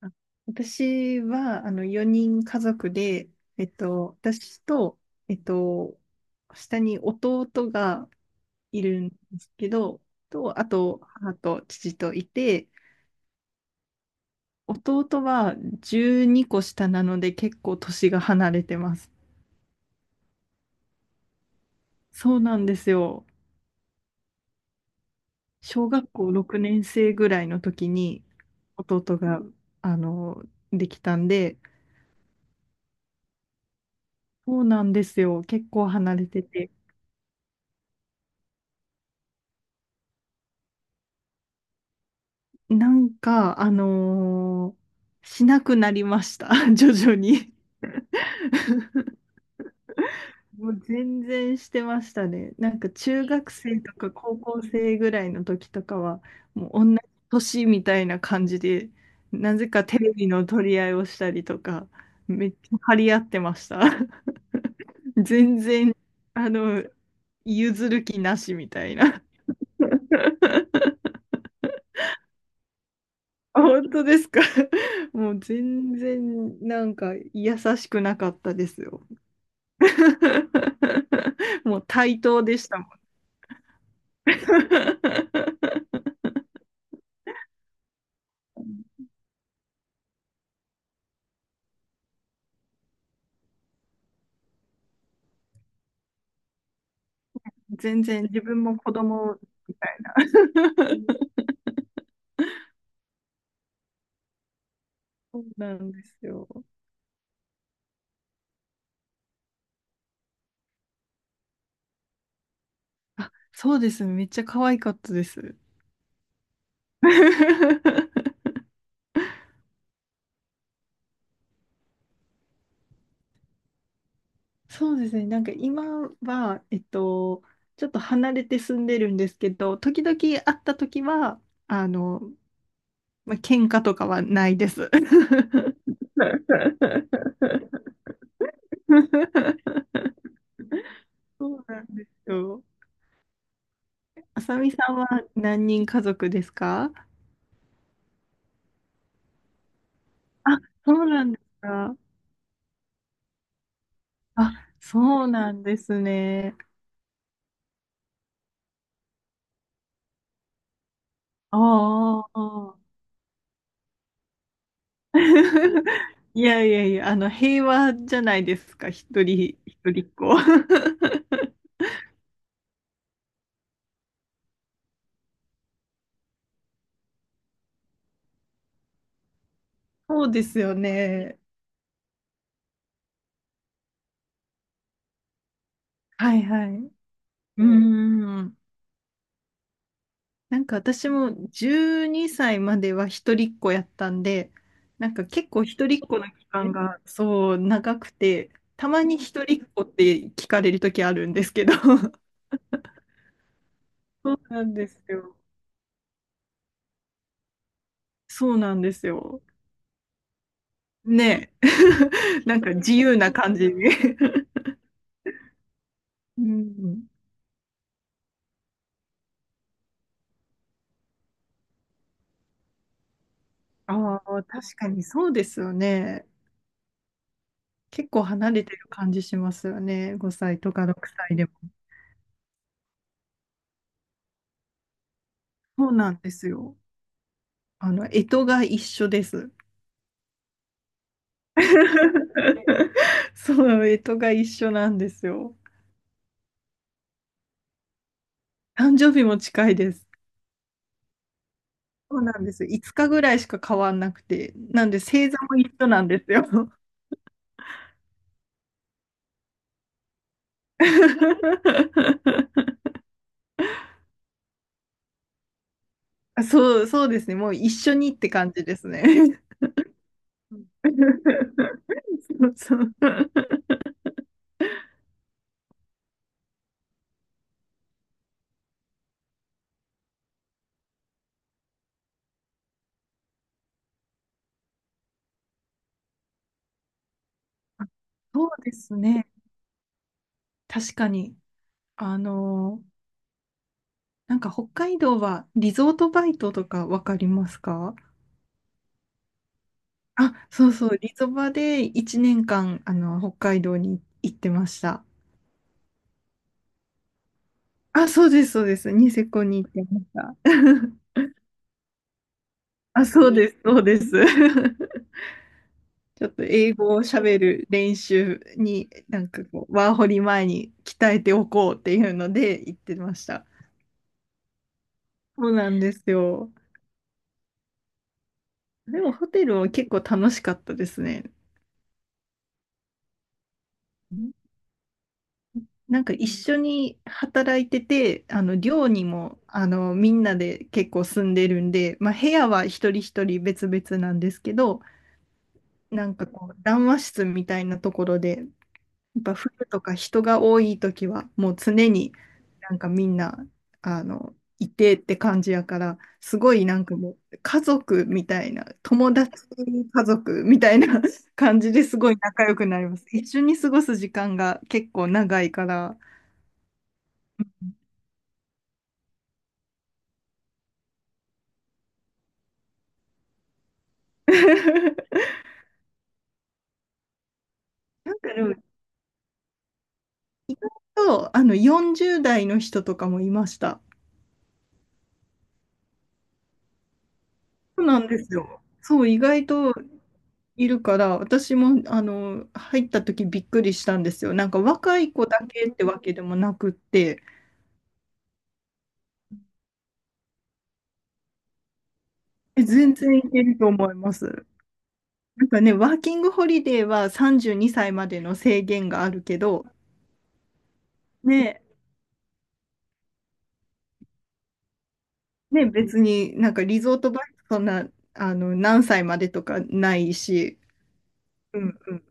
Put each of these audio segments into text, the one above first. あ、私は、4人家族で、私と、えっと、下に弟がいるんですけど、あと、母と父といて、弟は12個下なので結構年が離れてます。そうなんですよ。小学校6年生ぐらいの時に弟が、あの、できたんで、そうなんですよ。結構離れてて。なんか、しなくなりました。徐々に。もう全然してましたね。なんか中学生とか高校生ぐらいの時とかは、もう同じ年みたいな感じで、なぜかテレビの取り合いをしたりとか、めっちゃ張り合ってました。全然、あの、譲る気なしみたいな。あ、本当ですか。もう全然なんか優しくなかったですよ。もう対等でしたもん。全然自分も子供みたい。そうなんですよ。あ、そうですね。めっちゃ可愛かったです。そうですね。なんか今は、ちょっと離れて住んでるんですけど、時々会った時は、あの、まあ、喧嘩とかはないです。そうなんですよ。あさみさんは何人家族ですか？あ、そうなんですか。あ、そうなんですね。ああ。いやいやいや、平和じゃないですか、一人っ子。そうですよね。はいはい。うーん。なんか私も12歳までは一人っ子やったんで、なんか結構一人っ子の期間がそう長くて、たまに一人っ子って聞かれる時あるんですけど、そうなんですよ。そうなんですよ。ねえ。なんか自由な感じに。うん。ああ、確かにそうですよね。結構離れてる感じしますよね。5歳とか6歳でも。そうなんですよ。干支が一緒です。そう、干支が一緒なんですよ。誕生日も近いです。そうなんです。5日ぐらいしか変わんなくて。なんで星座も一緒なんですよ。あ、そう、そうですね。もう一緒にって感じですね。うん。 そうそう。あ、そうですね。確かに。あのーなんか北海道はリゾートバイトとかわかりますか？あ、そうそう。リゾバで1年間、北海道に行ってました。あ、そうです、そうです。ニセコに行ってました。あ、そうです、そうです。ちょっと英語を喋る練習に、なんかこう、ワーホリ前に鍛えておこうっていうので行ってました。そうなんですよ。でもホテルは結構楽しかったですね。なんか一緒に働いてて、寮にもみんなで結構住んでるんで、まあ、部屋は一人一人別々なんですけど、なんかこう談話室みたいなところでやっぱ冬とか人が多い時はもう常になんかみんないてって感じやからすごいなんかもう家族みたいな友達家族みたいな 感じですごい仲良くなります。一緒に過ごす時間が結構長いから。なんかでもと40代の人とかもいました。そうなんですよ。そう意外といるから、私も入った時びっくりしたんですよ。なんか若い子だけってわけでもなくって、え、全然いけると思います。なんかね、ワーキングホリデーは32歳までの制限があるけど、ね、ね、別になんかリゾートバイトそんな何歳までとかないし、うんうん、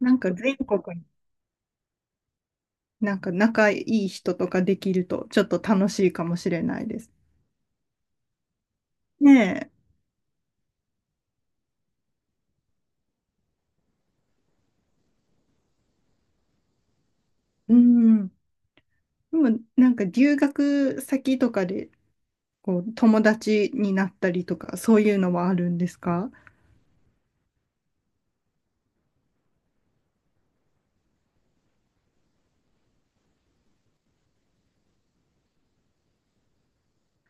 なんか全国になんか仲いい人とかできるとちょっと楽しいかもしれないです。ねえ、うん。でも、なんか留学先とかで、こう、友達になったりとか、そういうのはあるんですか？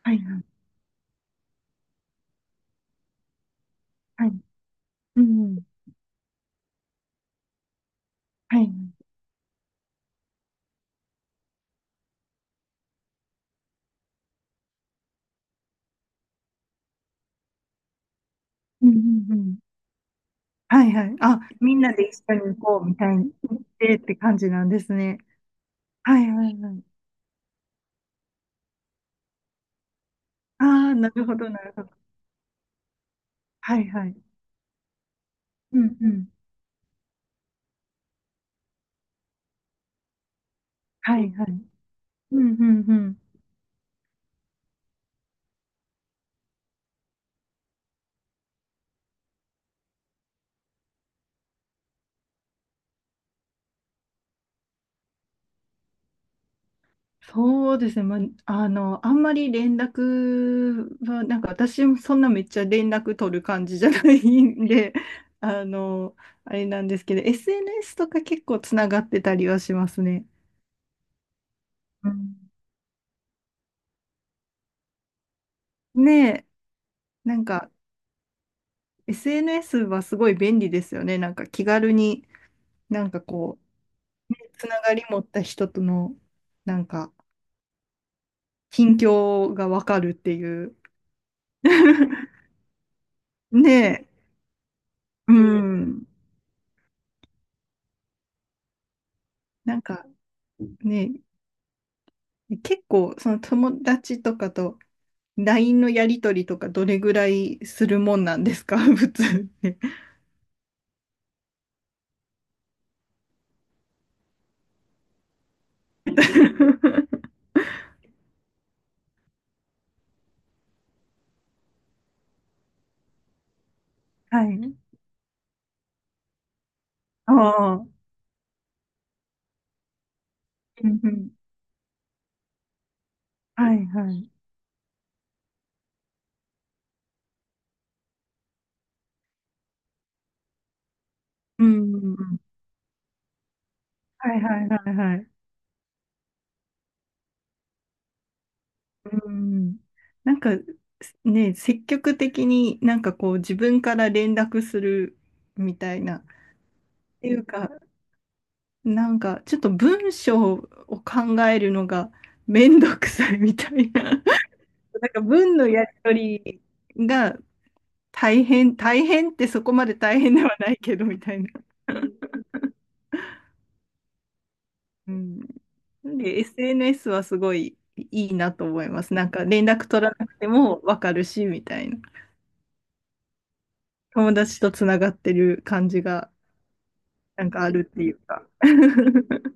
はい、はい。うん、はい。うん、うん、うん。はいはい。あ、みんなで一緒に行こうみたいに行ってって感じなんですね。はいはいはい。ああ、なるほど、なるほど。はいはい。うん、うん。はいはい。うんうんうん。そうですね、まあ、あんまり連絡は、なんか私もそんなめっちゃ連絡取る感じじゃないんで、あの、あれなんですけど、SNS とか結構つながってたりはしますね。うん、ねえ、なんか SNS はすごい便利ですよね。なんか気軽に、なんかこう、つながり持った人との、なんか、近況がわかるっていう。ねえ、うん。なんかね、結構、その友達とかと LINE のやりとりとかどれぐらいするもんなんですか？ 普通って。はい。ね、ああ。うんうん。はいはい。うんうんうん。はいはいはいはい。うん。なんか、ね、積極的になんかこう自分から連絡するみたいな。っていうか、なんかちょっと文章を考えるのがめんどくさいみたいな。なんか文のやり取りが大変、大変ってそこまで大変ではないけどみたいな。うん。なんで SNS はすごいいいなと思います。なんか連絡取らなくてもわかるしみたいな。友達とつながってる感じがなんかあるっていうか。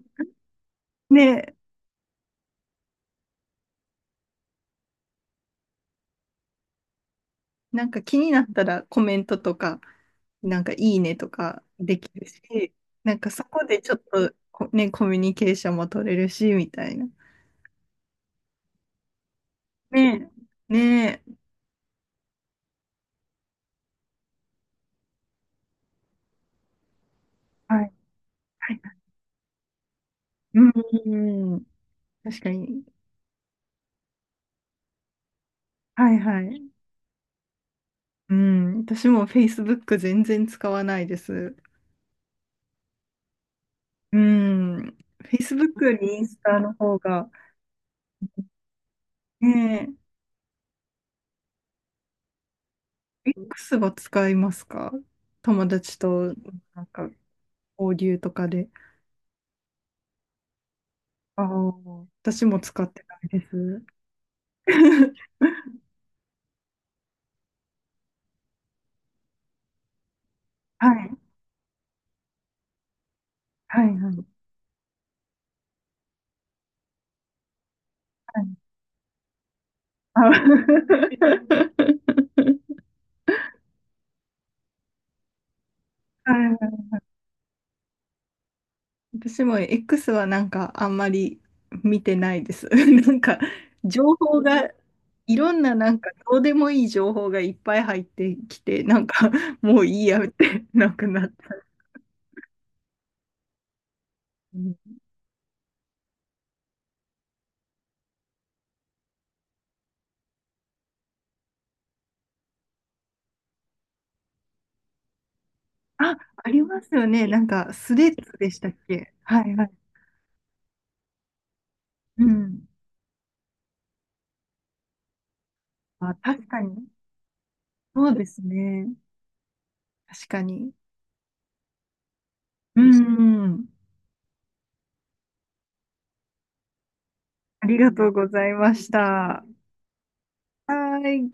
ね、なんか気になったらコメントとか、なんかいいねとかできるし、なんかそこでちょっとこね、コミュニケーションも取れるしみたいな。ねえ、ねえ、はい。はい。うんん。確かに。はいはい。うん。私も Facebook 全然使わないです。うん。Facebook よりインスタの方が。ねえ。X は使いますか？友達となんか交流とかで。ああ、私も使ってないです。はい。はいはい。はい。あ、 はい、私も X はなんかあんまり見てないです。なんか情報がいろんななんかどうでもいい情報がいっぱい入ってきて、なんかもういいやって なくなった。うん、あ、ありますよね。なんかスレッズでしたっけ？はいはい。うん。あ、確かに。そうですね。確かに。うん。ありがとうございました。はい。